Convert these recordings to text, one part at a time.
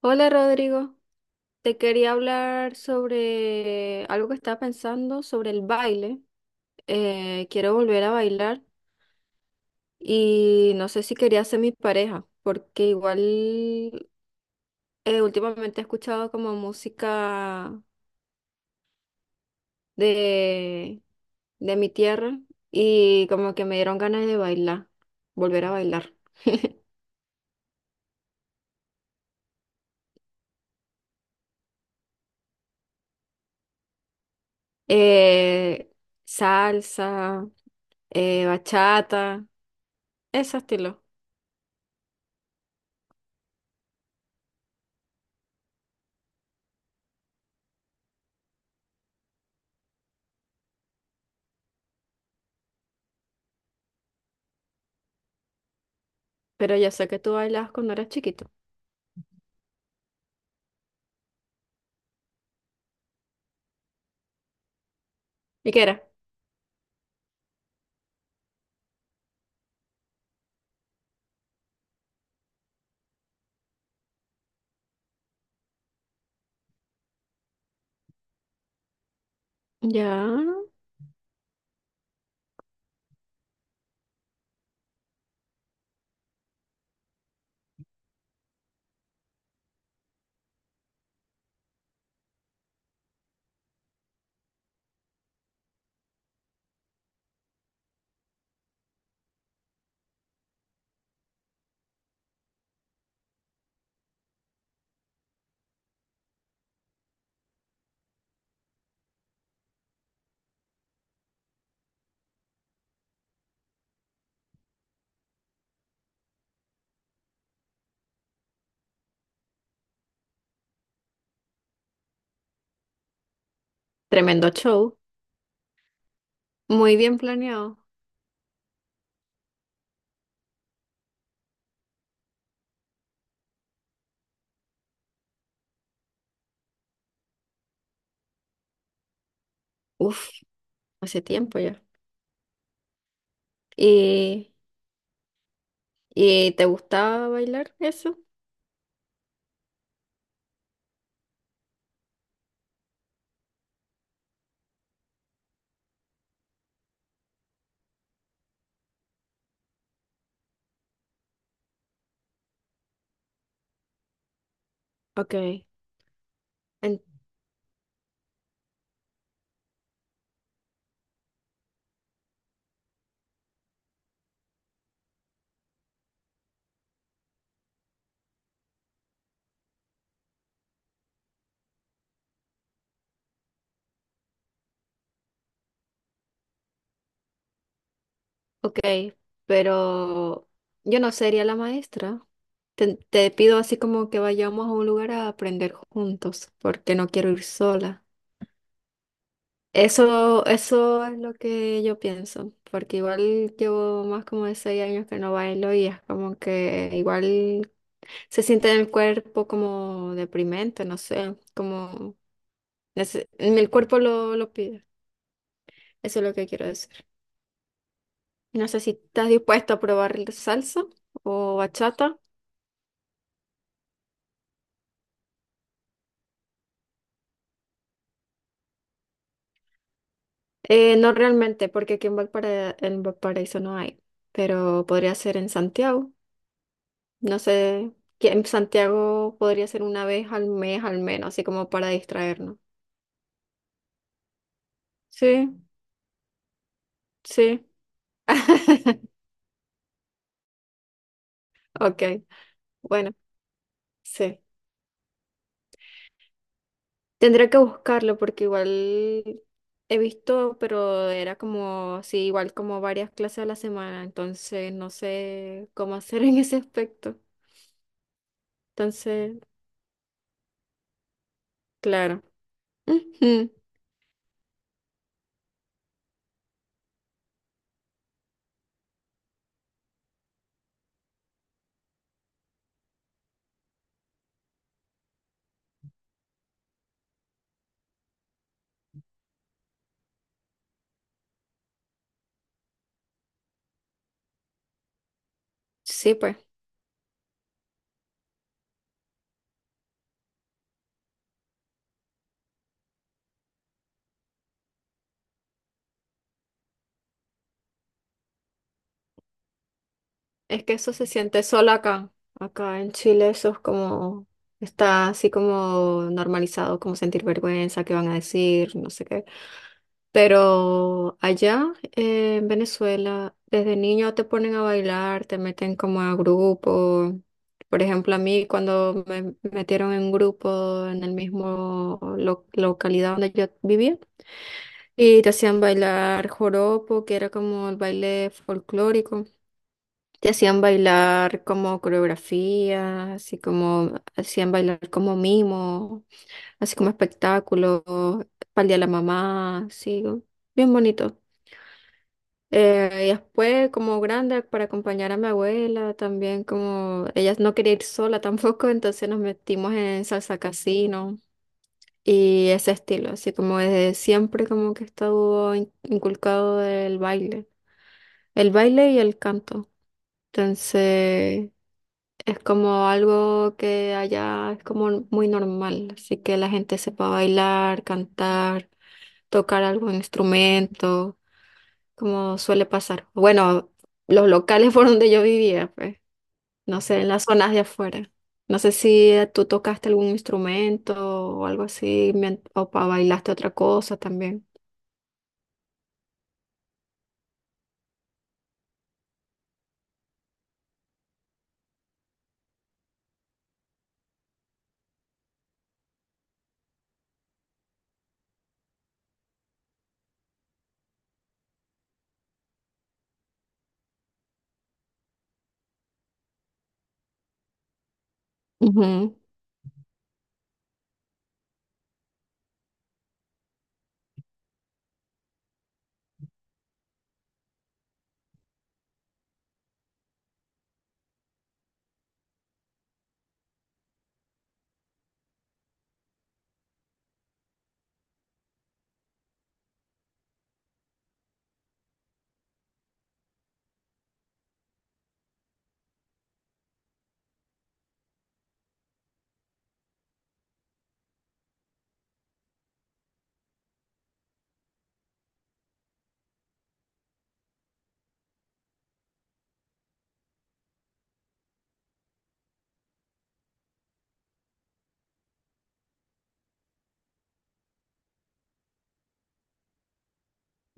Hola Rodrigo, te quería hablar sobre algo que estaba pensando sobre el baile. Quiero volver a bailar y no sé si quería ser mi pareja, porque igual últimamente he escuchado como música de, de mi tierra y como que me dieron ganas de bailar, volver a bailar. Eh, Salsa, bachata, ese estilo. Pero yo sé que tú bailabas cuando eras chiquito. ¿Y qué era? Ya. Tremendo show. Muy bien planeado. Uf, hace tiempo ya. ¿Y, ¿Y te gustaba bailar eso? Ok. en- ok, pero yo no sería la maestra. Te pido así como que vayamos a un lugar a aprender juntos, porque no quiero ir sola. Eso es lo que yo pienso, porque igual llevo más como de 6 años que no bailo y es como que igual se siente en el cuerpo como deprimente, no sé, como el cuerpo lo pide. Eso es lo que quiero decir. No sé si estás dispuesto a probar salsa o bachata. No realmente, porque aquí en en Valparaíso no hay, pero podría ser en Santiago. No sé, que en Santiago podría ser una vez al mes al menos, así como para distraernos. Sí, sí. Ok, bueno, sí. Tendría que buscarlo porque igual he visto, pero era como, sí, igual como varias clases a la semana, entonces no sé cómo hacer en ese aspecto. Entonces, claro. Ujú. Sí, pues. Es que eso se siente solo acá. Acá en Chile eso es como, está así como normalizado, como sentir vergüenza, qué van a decir, no sé qué. Pero allá en Venezuela, desde niño te ponen a bailar, te meten como a grupo. Por ejemplo, a mí cuando me metieron en grupo en el mismo localidad donde yo vivía y te hacían bailar joropo, que era como el baile folclórico. Te hacían bailar como coreografía, así como hacían bailar como mimo, así como espectáculo, para el día de la mamá, así, bien bonito. Y después, como grande, para acompañar a mi abuela, también como ella no quería ir sola tampoco, entonces nos metimos en salsa casino y ese estilo, así como desde siempre como que estuvo inculcado el baile y el canto. Entonces... Es como algo que allá es como muy normal, así que la gente sepa bailar, cantar, tocar algún instrumento, como suele pasar. Bueno, los locales por donde yo vivía, pues, no sé, en las zonas de afuera. No sé si tú tocaste algún instrumento o algo así, bailaste otra cosa también. Ujú.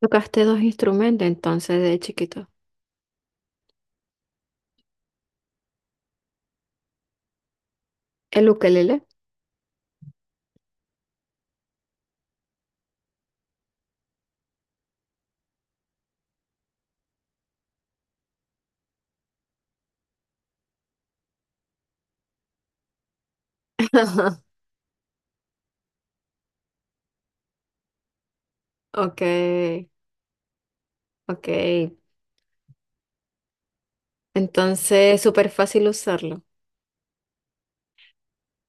Tocaste dos instrumentos entonces de chiquito. El ukelele. Ok, ok. Entonces es súper fácil usarlo.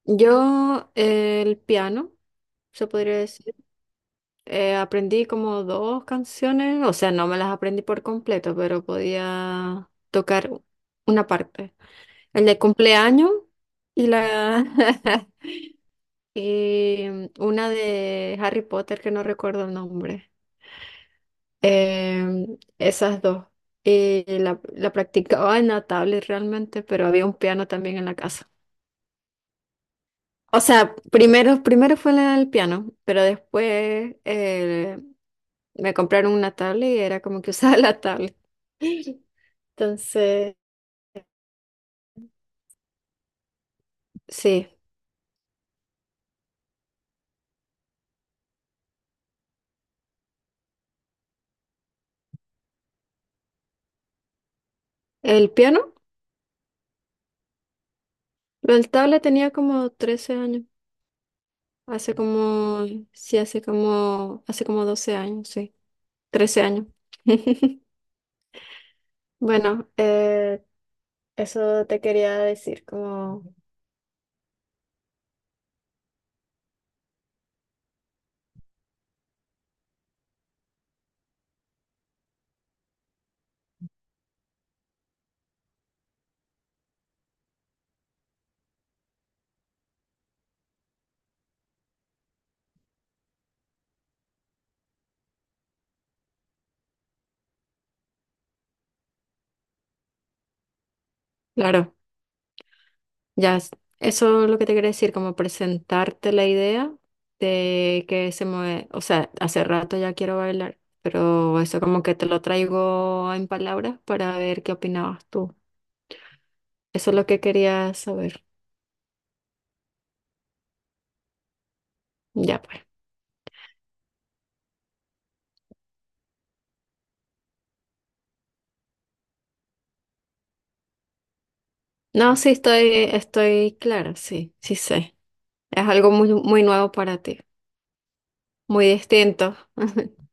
Yo el piano, se podría decir, aprendí como dos canciones, o sea, no me las aprendí por completo, pero podía tocar una parte. El de cumpleaños y la y una de Harry Potter que no recuerdo el nombre. Em, esas dos. La practicaba en la tablet realmente, pero había un piano también en la casa. O sea, primero fue el piano, pero después me compraron una tablet y era como que usaba la tablet. Entonces, sí, el piano, lo del tablet tenía como 13 años, hace como, sí, hace como 12 años, sí, 13 años. Bueno, eso te quería decir, como, claro. Ya, eso es lo que te quería decir, como presentarte la idea de que se mueve, o sea, hace rato ya quiero bailar, pero eso como que te lo traigo en palabras para ver qué opinabas tú. Eso es lo que quería saber. Ya, pues. No, sí, estoy clara, sí, sí sé. Es algo muy nuevo para ti, muy distinto.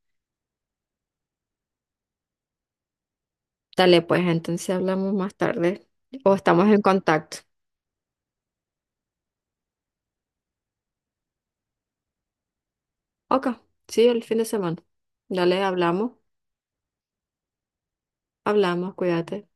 Dale, pues, entonces hablamos más tarde o estamos en contacto. Ok, sí, el fin de semana. Dale, hablamos, hablamos, cuídate.